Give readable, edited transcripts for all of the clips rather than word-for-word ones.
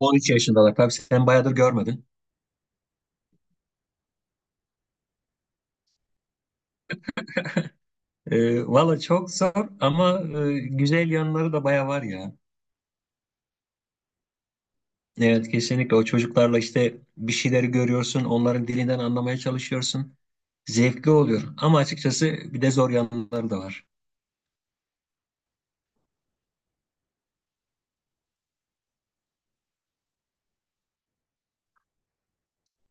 13 yaşındalar. Tabii, sen bayağıdır görmedin. Valla çok zor ama güzel yanları da bayağı var ya. Evet, kesinlikle, o çocuklarla işte bir şeyleri görüyorsun, onların dilinden anlamaya çalışıyorsun. Zevkli oluyor ama açıkçası bir de zor yanları da var.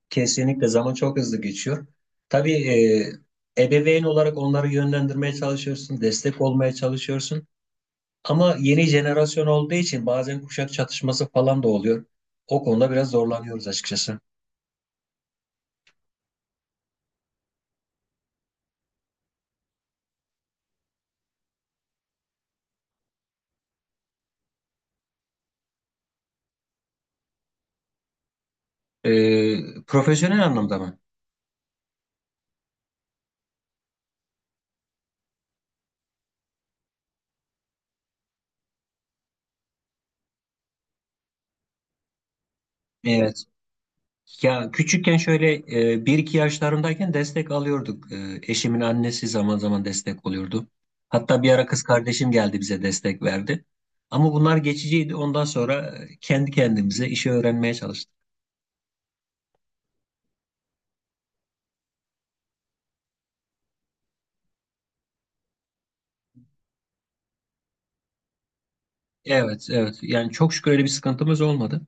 Kesinlikle zaman çok hızlı geçiyor. Tabii, ebeveyn olarak onları yönlendirmeye çalışıyorsun, destek olmaya çalışıyorsun. Ama yeni jenerasyon olduğu için bazen kuşak çatışması falan da oluyor. O konuda biraz zorlanıyoruz açıkçası. Profesyonel anlamda mı? Evet. Ya, küçükken şöyle 1-2 yaşlarımdayken destek alıyorduk. Eşimin annesi zaman zaman destek oluyordu. Hatta bir ara kız kardeşim geldi, bize destek verdi. Ama bunlar geçiciydi. Ondan sonra kendi kendimize işi öğrenmeye çalıştık. Evet, evet. Yani çok şükür öyle bir sıkıntımız olmadı.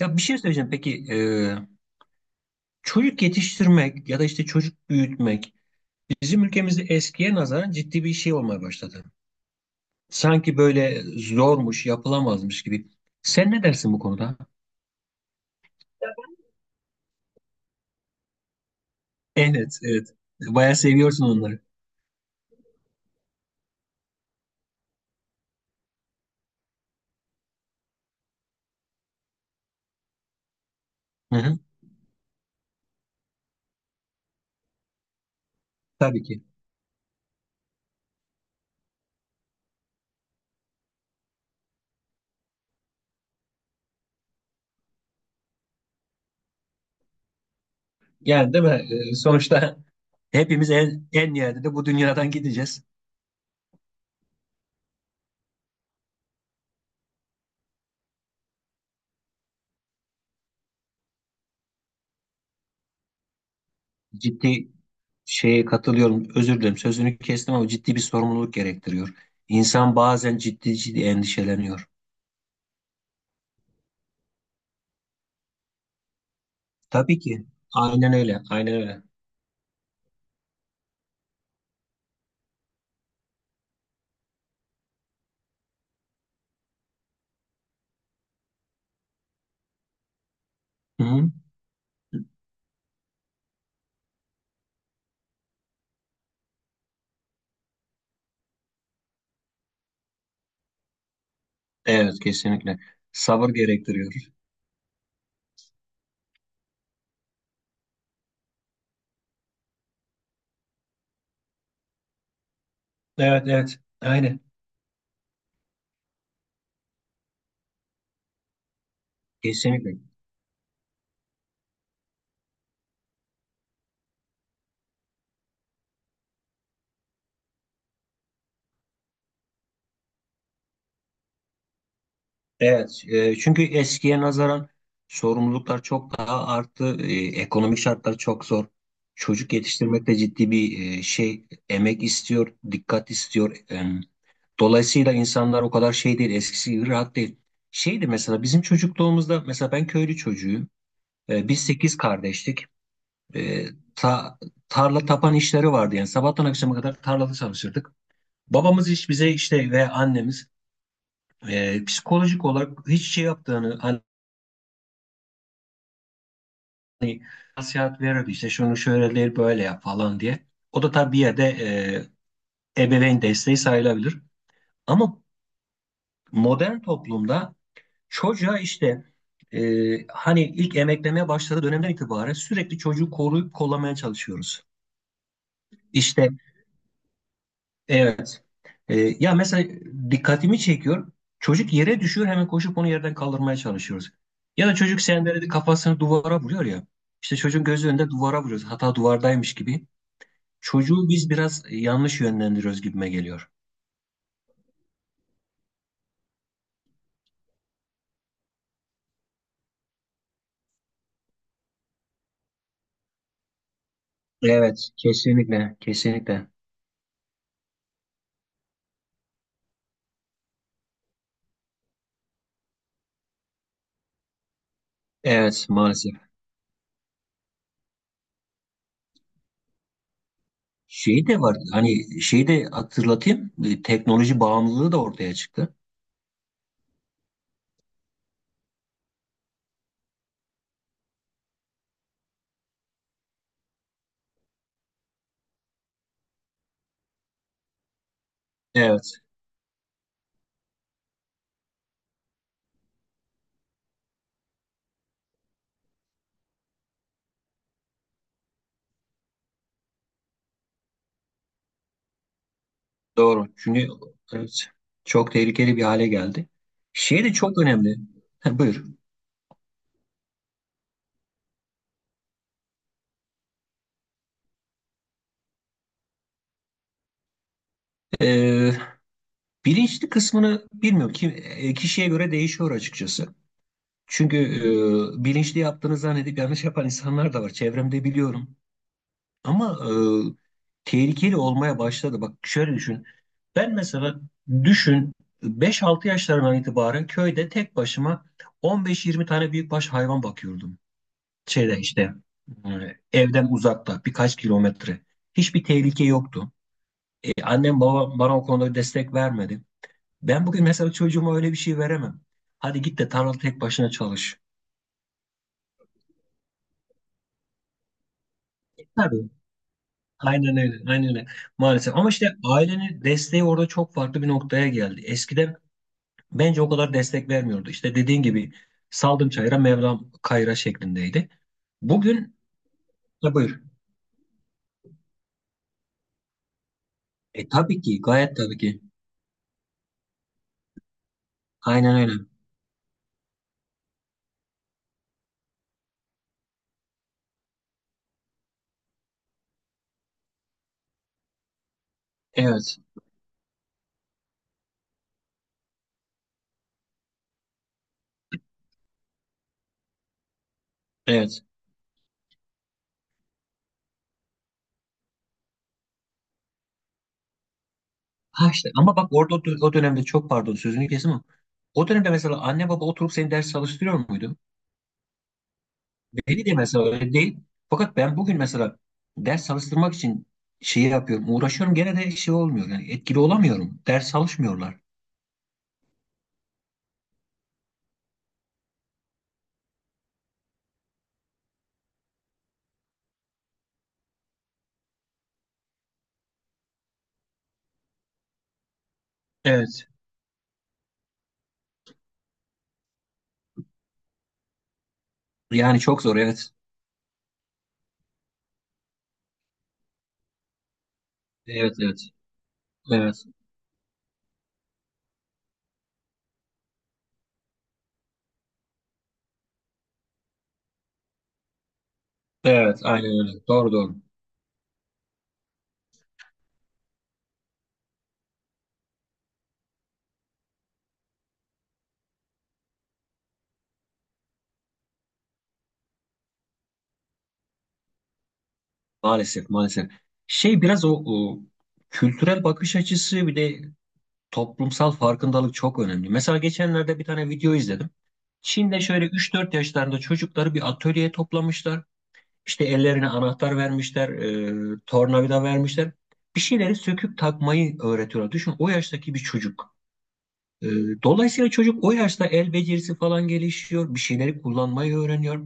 Ya, bir şey söyleyeceğim. Peki, çocuk yetiştirmek ya da işte çocuk büyütmek bizim ülkemizde eskiye nazaran ciddi bir şey olmaya başladı. Sanki böyle zormuş, yapılamazmış gibi. Sen ne dersin bu konuda? Evet, evet. Bayağı seviyorsun onları. Hı hı, tabii ki. Yani, değil mi? Sonuçta hepimiz en nihayetinde de bu dünyadan gideceğiz. Ciddi, şeye katılıyorum. Özür dilerim, sözünü kestim ama ciddi bir sorumluluk gerektiriyor. İnsan bazen ciddi ciddi endişeleniyor. Tabii ki. Aynen öyle. Aynen öyle. Hı hı. Evet, kesinlikle. Sabır gerektiriyor. Evet, evet. Aynen. Kesinlikle. Evet, çünkü eskiye nazaran sorumluluklar çok daha arttı. Ekonomik şartlar çok zor. Çocuk yetiştirmek de ciddi bir şey, emek istiyor, dikkat istiyor. Dolayısıyla insanlar o kadar şey değil, eskisi gibi rahat değil. Şeydi mesela bizim çocukluğumuzda; mesela ben köylü çocuğuyum. Biz sekiz kardeştik. E, ta- Tarla tapan işleri vardı, yani sabahtan akşama kadar tarlada çalışırdık. Babamız hiç bize işte ve annemiz psikolojik olarak hiç şey yaptığını, hani, nasihat verirdi, işte şunu şöyle değil böyle yap falan diye. O da tabii bir yerde ebeveyn desteği sayılabilir. Ama modern toplumda çocuğa işte e, hani ilk emeklemeye başladığı dönemden itibaren sürekli çocuğu koruyup kollamaya çalışıyoruz. İşte evet. Ya, mesela dikkatimi çekiyor. Çocuk yere düşüyor, hemen koşup onu yerden kaldırmaya çalışıyoruz. Ya da çocuk sendeledi, kafasını duvara vuruyor ya. İşte çocuğun gözü önünde duvara vuruyoruz, hata duvardaymış gibi. Çocuğu biz biraz yanlış yönlendiriyoruz gibime geliyor. Evet, kesinlikle, kesinlikle. Evet, maalesef. Şey de var, hani şey de hatırlatayım, teknoloji bağımlılığı da ortaya çıktı. Evet, doğru. Çünkü evet, çok tehlikeli bir hale geldi. Şey de çok önemli. Ha, buyur. Ee, Bilinçli kısmını bilmiyorum ki kişiye göre değişiyor açıkçası. Çünkü bilinçli yaptığını zannedip yanlış yapan insanlar da var. Çevremde biliyorum. Ama tehlikeli olmaya başladı. Bak, şöyle düşün. Ben mesela, düşün, 5-6 yaşlarından itibaren köyde tek başıma 15-20 tane büyükbaş hayvan bakıyordum. Şeyde işte e, evden uzakta birkaç kilometre. Hiçbir tehlike yoktu. Annem babam bana o konuda destek vermedi. Ben bugün mesela çocuğuma öyle bir şey veremem. Hadi git de tarlada tek başına çalış. Tabii. Aynen öyle, aynen öyle. Maalesef. Ama işte ailenin desteği orada çok farklı bir noktaya geldi. Eskiden bence o kadar destek vermiyordu. İşte dediğin gibi saldım çayıra Mevlam kayıra şeklindeydi. Bugün, ya buyur. Tabii ki, gayet tabii ki. Aynen öyle. Evet, evet. Ha, işte ama bak, orada o dönemde, çok pardon sözünü kesim ama, o dönemde mesela anne baba oturup seni ders çalıştırıyor muydu? Beni de mesela öyle değil. Fakat ben bugün mesela ders çalıştırmak için şeyi yapıyorum, uğraşıyorum, gene de şey olmuyor. Yani etkili olamıyorum. Ders çalışmıyorlar. Evet. Yani çok zor, evet. Evet, evet. Evet. Evet, aynen öyle. Doğru, doğru. Maalesef, maalesef. Şey, biraz o kültürel bakış açısı, bir de toplumsal farkındalık çok önemli. Mesela geçenlerde bir tane video izledim. Çin'de şöyle 3-4 yaşlarında çocukları bir atölyeye toplamışlar. İşte ellerine anahtar vermişler, tornavida vermişler. Bir şeyleri söküp takmayı öğretiyorlar. Düşün, o yaştaki bir çocuk. E, Dolayısıyla çocuk o yaşta el becerisi falan gelişiyor. Bir şeyleri kullanmayı öğreniyor.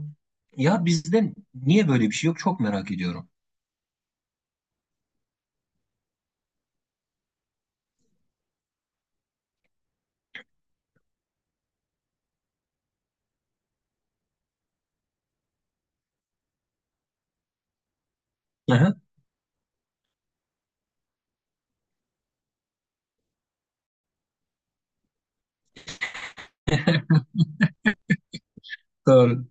Ya bizde niye böyle bir şey yok? Çok merak ediyorum. Aha, doğru.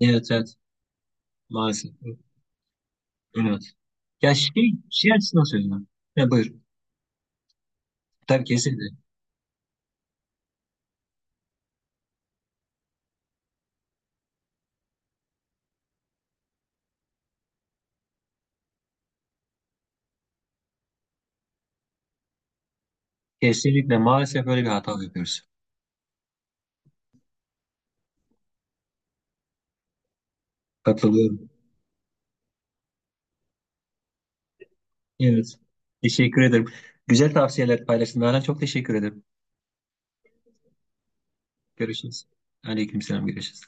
Evet, evet. Maalesef. Evet. Ya, şey açısından söylüyorum. Ya, buyur. Tabii, kesinlikle. Kesinlikle, maalesef böyle bir hata yapıyoruz. Katılıyorum. Evet. Teşekkür ederim. Güzel tavsiyeler paylaştın. Nalan, çok teşekkür ederim. Görüşürüz. Aleykümselam. Görüşürüz.